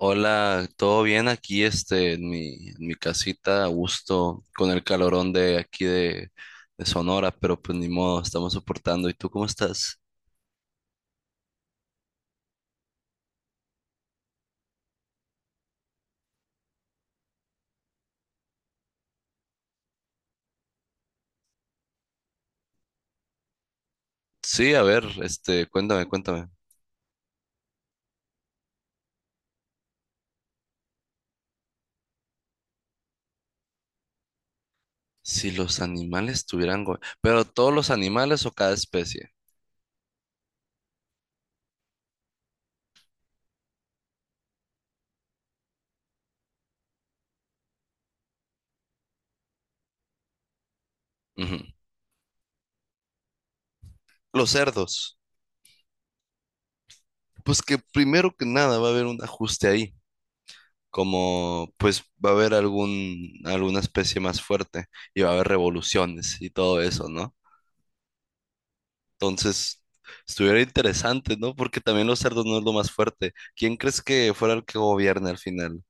Hola, ¿todo bien aquí en mi casita, a gusto, con el calorón de aquí de Sonora, pero pues ni modo, estamos soportando. ¿Y tú cómo estás? Sí, a ver, cuéntame, cuéntame. Si los animales tuvieran... pero todos los animales, ¿o cada especie? Ujú. Los cerdos. Pues que primero que nada va a haber un ajuste ahí. Como pues va a haber alguna especie más fuerte y va a haber revoluciones y todo eso, ¿no? Entonces, estuviera interesante, ¿no? Porque también los cerdos no es lo más fuerte. ¿Quién crees que fuera el que gobierne al final?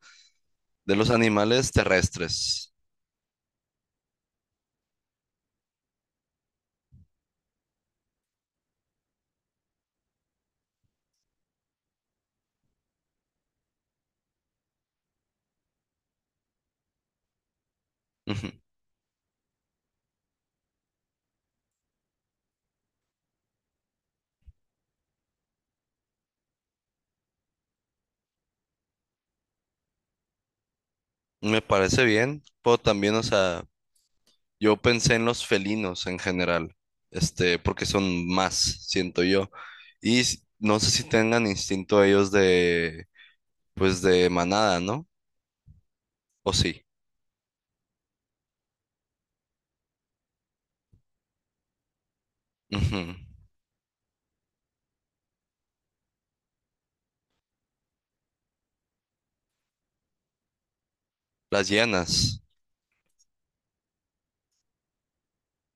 De los animales terrestres. Ujú. Me parece bien, pero también, o sea, yo pensé en los felinos en general, porque son más, siento yo. Y no sé si tengan instinto ellos de, pues, de manada, ¿no? ¿O sí? Ujú. Las hienas.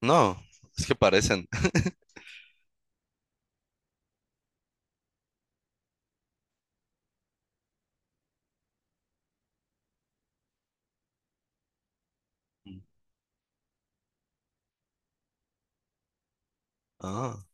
No, es que parecen. Ah.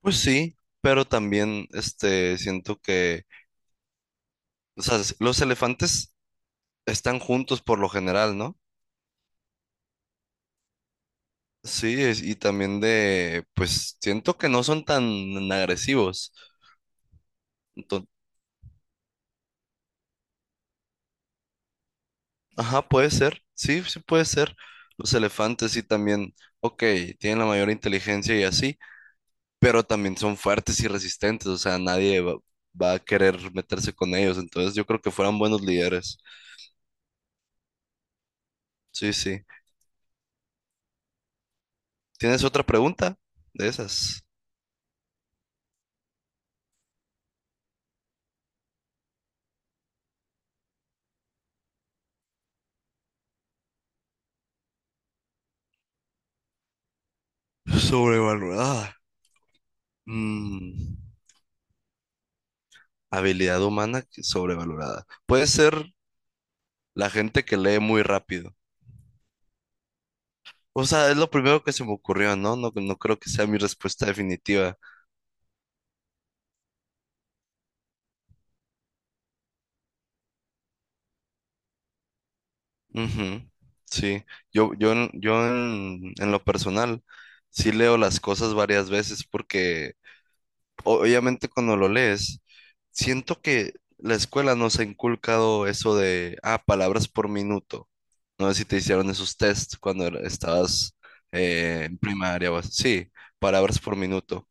Pues sí, pero también siento que, o sea, los elefantes están juntos por lo general, ¿no? Sí, y también de, pues siento que no son tan agresivos. Entonces, ajá, puede ser, sí, sí puede ser. Los elefantes sí también, ok, tienen la mayor inteligencia y así, pero también son fuertes y resistentes, o sea, nadie va a querer meterse con ellos, entonces yo creo que fueran buenos líderes. Sí, sí. ¿Tienes otra pregunta de esas? Sobrevalorada. Mm, habilidad humana sobrevalorada. Puede ser la gente que lee muy rápido. O sea, es lo primero que se me ocurrió, ¿no? No, no creo que sea mi respuesta definitiva. Ujú. Sí, yo en lo personal sí leo las cosas varias veces porque obviamente cuando lo lees, siento que la escuela nos ha inculcado eso de, palabras por minuto. No sé si te hicieron esos tests cuando estabas, en primaria o así. Sí, palabras por minuto.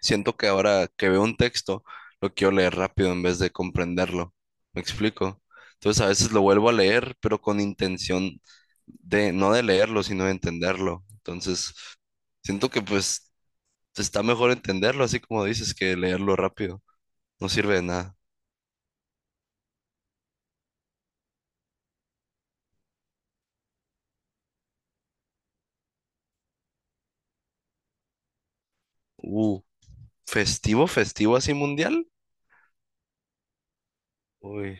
Siento que ahora que veo un texto, lo quiero leer rápido en vez de comprenderlo. ¿Me explico? Entonces a veces lo vuelvo a leer, pero con intención de, no de leerlo, sino de entenderlo. Entonces, siento que pues entonces, está mejor entenderlo, así como dices, que leerlo rápido. No sirve de nada. Uh, festivo, festivo así mundial. Uy,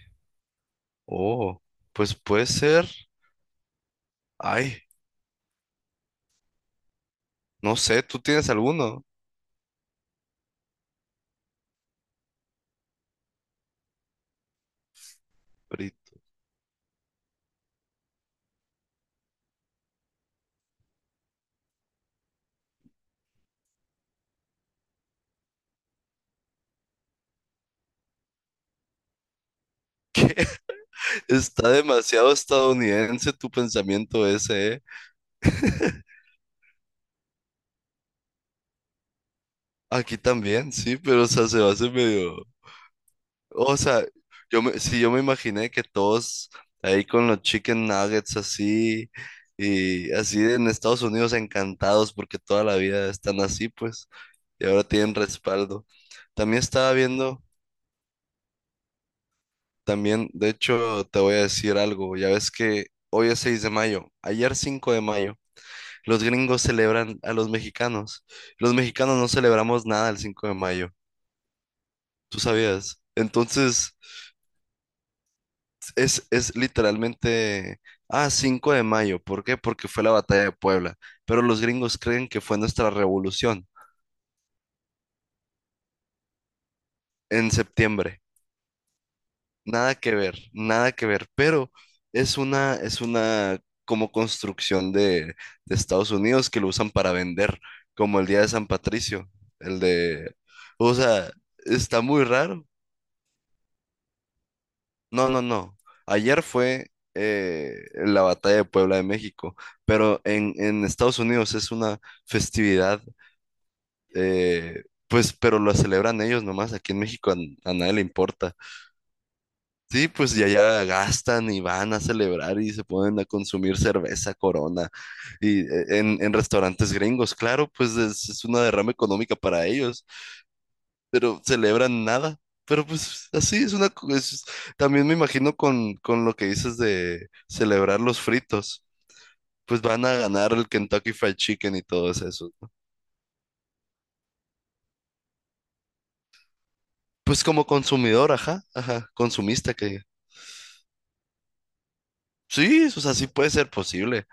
oh, pues puede ser. Ay, no sé, ¿tú tienes alguno? Ahorita. Está demasiado estadounidense tu pensamiento ese, ¿eh? Aquí también, sí, pero o sea, se va a hacer medio. O sea, sí, yo me imaginé que todos ahí con los chicken nuggets así y así en Estados Unidos encantados porque toda la vida están así, pues, y ahora tienen respaldo. También estaba viendo, también, de hecho, te voy a decir algo, ya ves que hoy es 6 de mayo, ayer 5 de mayo, los gringos celebran a los mexicanos. Los mexicanos no celebramos nada el 5 de mayo, ¿tú sabías? Entonces... es literalmente, 5 de mayo. ¿Por qué? Porque fue la batalla de Puebla. Pero los gringos creen que fue nuestra revolución en septiembre. Nada que ver, nada que ver. Pero es una como construcción de, Estados Unidos que lo usan para vender, como el día de San Patricio, el de, o sea, está muy raro. No, no, no. Ayer fue, la batalla de Puebla de México, pero en Estados Unidos es una festividad, pues, pero la celebran ellos nomás. Aquí en México a nadie le importa. Sí, pues ya allá gastan y van a celebrar y se ponen a consumir cerveza, Corona, y, en restaurantes gringos. Claro, pues es una derrama económica para ellos, pero celebran nada. Pero pues así es una... también me imagino con, lo que dices de celebrar los fritos, pues van a ganar el Kentucky Fried Chicken y todo eso. Pues como consumidor, ajá, ajá, consumista, que diga. Sí, o sea, sí puede ser posible.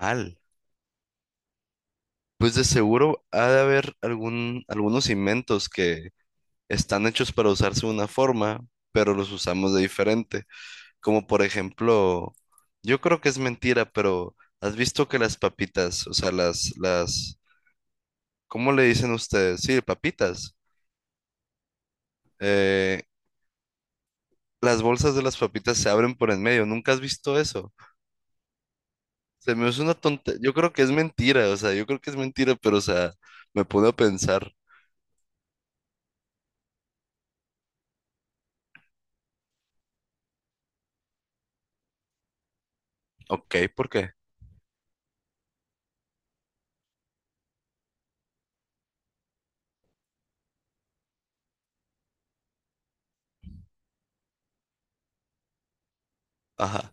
Mal. Pues de seguro ha de haber algunos inventos que están hechos para usarse de una forma, pero los usamos de diferente. Como por ejemplo, yo creo que es mentira, pero ¿has visto que las papitas, o sea, ¿cómo le dicen ustedes? Sí, papitas. Eh, las bolsas de las papitas se abren por en medio. ¿Nunca has visto eso? Se me hace una tonta. Yo creo que es mentira, o sea, yo creo que es mentira, pero, o sea, me pone a pensar, ok, ¿por qué? Ajá.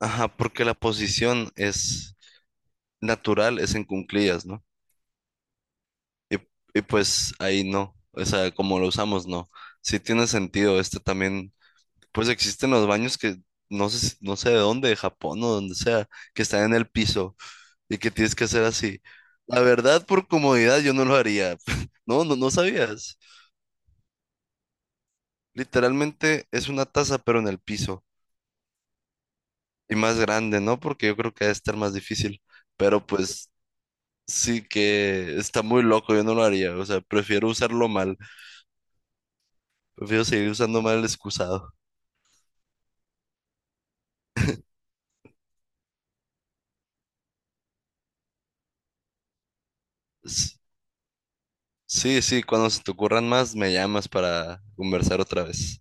Ajá, porque la posición es natural, es en cuclillas, ¿no? Y, y pues ahí no, o sea, como lo usamos, no. Sí tiene sentido, también. Pues existen los baños que no sé, no sé de dónde, de Japón o donde sea, que están en el piso y que tienes que hacer así. La verdad, por comodidad, yo no lo haría. No, no, no sabías. Literalmente es una taza, pero en el piso. Y más grande, ¿no? Porque yo creo que ha de estar más difícil. Pero pues sí que está muy loco, yo no lo haría. O sea, prefiero usarlo mal. Prefiero seguir usando mal el excusado. S- Sí, sí, cuando se te ocurran más, me llamas para conversar otra vez.